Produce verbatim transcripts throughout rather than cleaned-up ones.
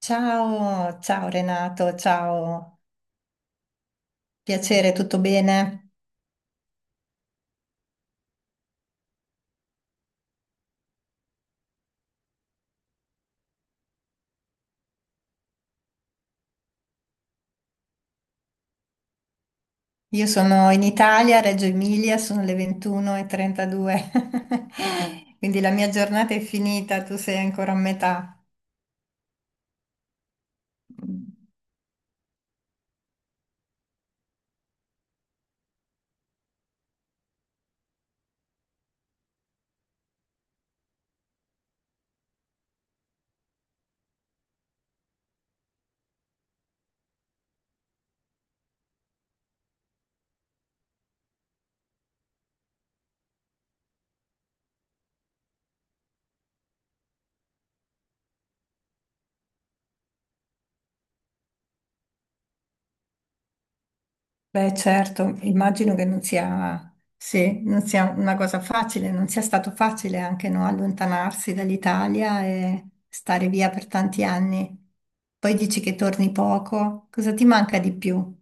Ciao, ciao Renato, ciao, piacere, tutto bene? Io sono in Italia, Reggio Emilia, sono le ventuno e trentadue. Quindi la mia giornata è finita, tu sei ancora a metà. Beh, certo, immagino che non sia, sì, non sia una cosa facile, non sia stato facile anche no, allontanarsi dall'Italia e stare via per tanti anni. Poi dici che torni poco, cosa ti manca di più?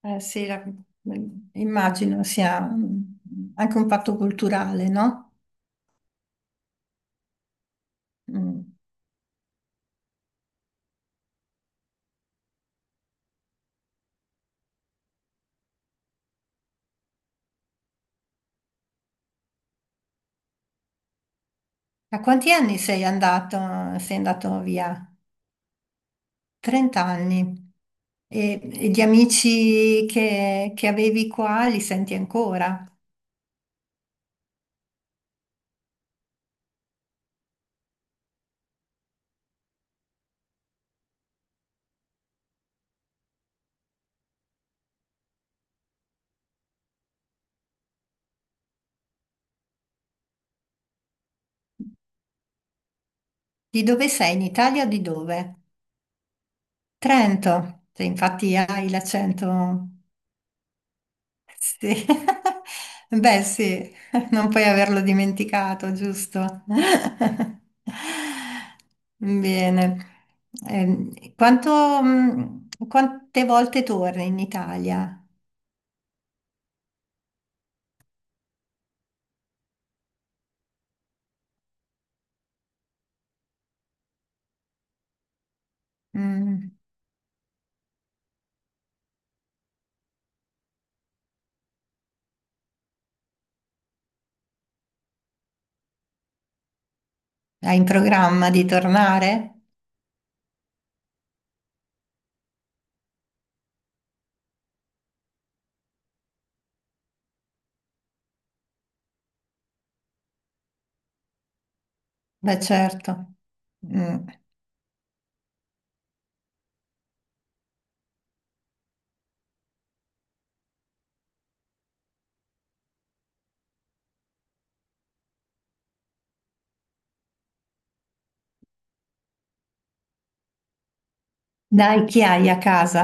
Eh, sì, la- mm, immagino sia mm, anche un fatto culturale, no? Mm. A quanti anni sei andato, sei andato via? trenta anni. E, e gli amici che, che avevi qua li senti ancora? Di dove sei? In Italia o di dove? Trento. Te, infatti hai l'accento. Sì, beh sì, non puoi averlo dimenticato, giusto? Bene. Ehm, quanto, mh, quante volte torni in Italia? Mm. Hai in programma di tornare? Beh certo. Mm. Dai, chi hai a casa?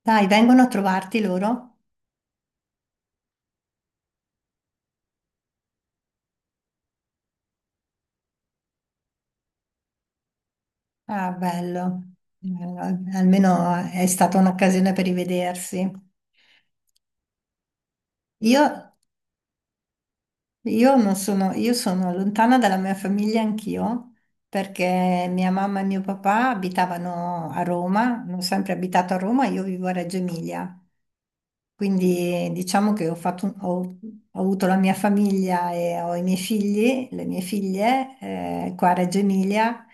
Dai, vengono a trovarti loro? Ah, bello. Bello, al- almeno è stata un'occasione per rivedersi. Io Io non sono, io sono lontana dalla mia famiglia anch'io, perché mia mamma e mio papà abitavano a Roma, hanno sempre abitato a Roma, io vivo a Reggio Emilia. Quindi diciamo che ho fatto un- ho, ho avuto la mia famiglia e ho i miei figli, le mie figlie, eh, qua a Reggio Emilia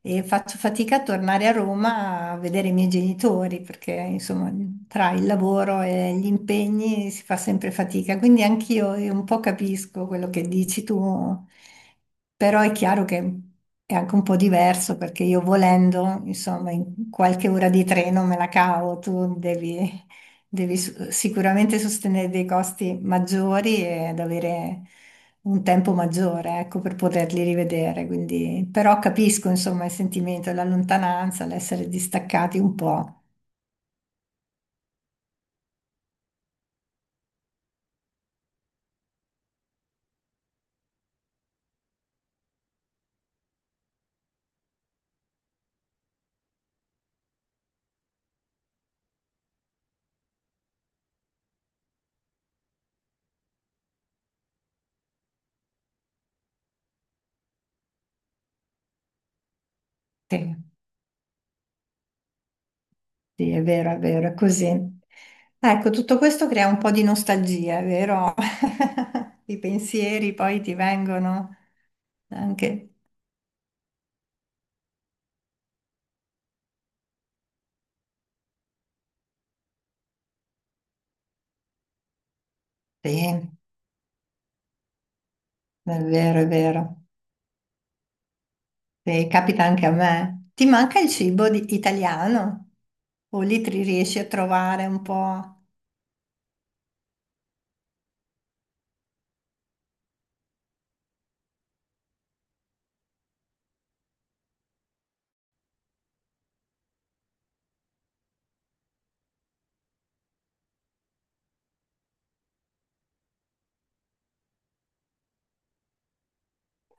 e faccio fatica a tornare a Roma a vedere i miei genitori perché insomma tra il lavoro e gli impegni si fa sempre fatica. Quindi anch'io eh, un po' capisco quello che dici tu, però è chiaro che è anche un po' diverso perché io volendo, insomma, in qualche ora di treno me la cavo, tu devi... Devi su- sicuramente sostenere dei costi maggiori ed avere un tempo maggiore, ecco, per poterli rivedere. Quindi, però capisco, insomma, il sentimento, la lontananza, l'essere distaccati un po'. Sì, sì, è vero, è vero, è così. Ecco, tutto questo crea un po' di nostalgia, è vero? I pensieri poi ti vengono anche. Sì, è vero, è vero. Sì, capita anche a me. Ti manca il cibo di- italiano? O lì ti riesci a trovare un po'?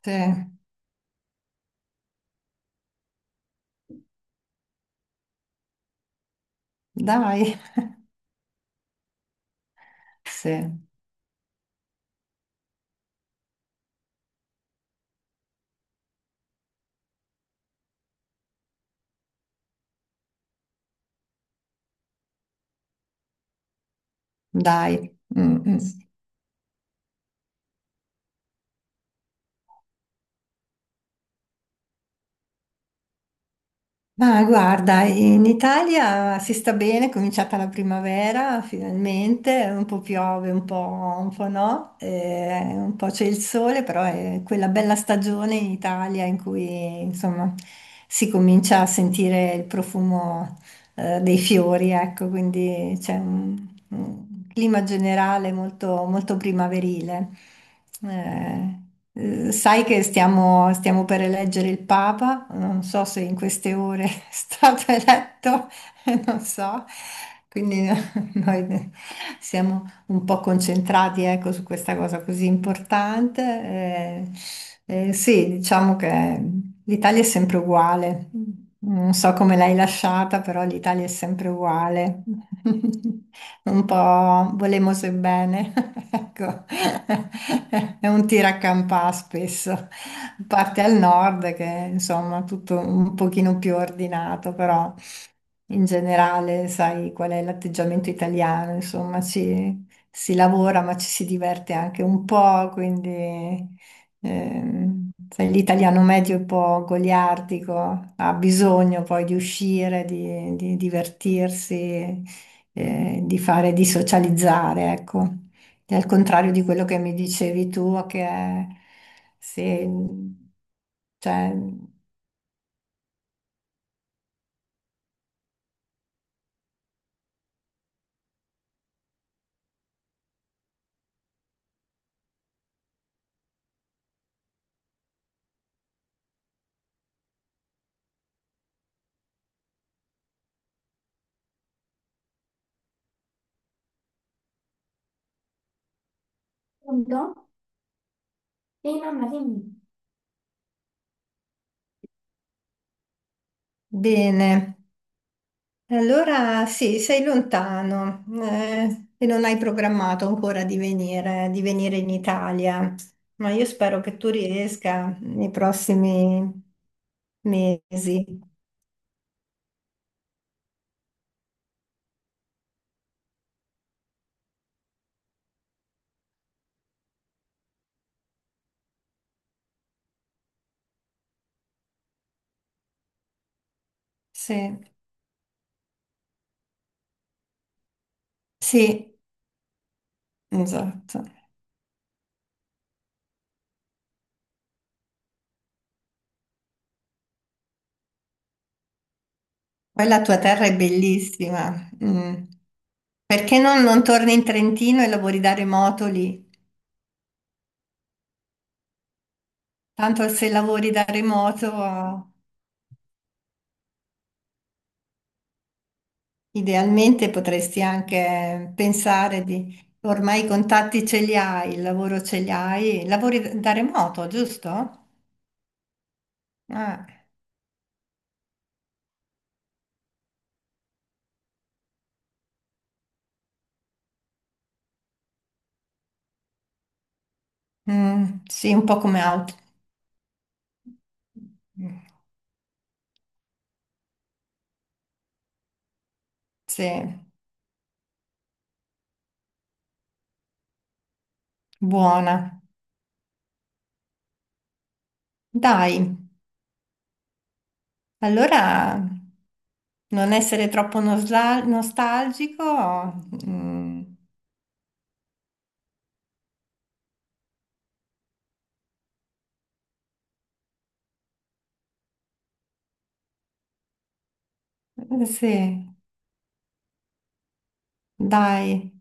Sì, dai, sì, dai. Mm, mm. Ma guarda, in Italia si sta bene, è cominciata la primavera finalmente, un po' piove, un po', un po' no, eh, un po' c'è il sole, però è quella bella stagione in Italia in cui insomma si comincia a sentire il profumo eh, dei fiori, ecco, quindi c'è un, un clima generale molto, molto primaverile. Eh, eh, sai che stiamo, stiamo per eleggere il Papa, non so se in queste ore è stato eletto, non so, quindi noi siamo un po' concentrati, ecco, su questa cosa così importante. Eh, eh, sì, diciamo che l'Italia è sempre uguale. Non so come l'hai lasciata, però l'Italia è sempre uguale. Un po' volemose e bene, ecco. È un tiracampà spesso. A parte al nord che insomma tutto un pochino più ordinato, però in generale sai qual è l'atteggiamento italiano, insomma ci si lavora ma ci si diverte anche un po', quindi ehm, sai, l'italiano medio è un po' goliardico, ha bisogno poi di uscire, di, di divertirsi, eh, di fare, di socializzare, ecco. E al contrario di quello che mi dicevi tu, che è, se, cioè, Pronto? Sì, mamma, dimmi. Bene. E allora sì, sei lontano eh, e non hai programmato ancora di venire, di venire in Italia, ma io spero che tu riesca nei prossimi mesi. Sì, sì, esatto. Poi la tua terra è bellissima. Mm. Perché non, non torni in Trentino e lavori da remoto lì? Tanto se lavori da remoto idealmente potresti anche pensare di, ormai i contatti ce li hai, il lavoro ce li hai, lavori da remoto, giusto? Ah, mm, sì, un po' come out. Mm, sì, buona. Dai, allora non essere troppo nosla- nostalgico. Mm, sì, dai,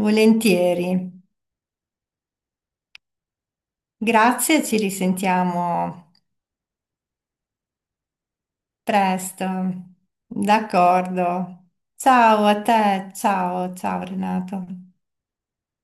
volentieri. Grazie, ci risentiamo. Presto, d'accordo. Ciao a te, ciao, ciao Renato.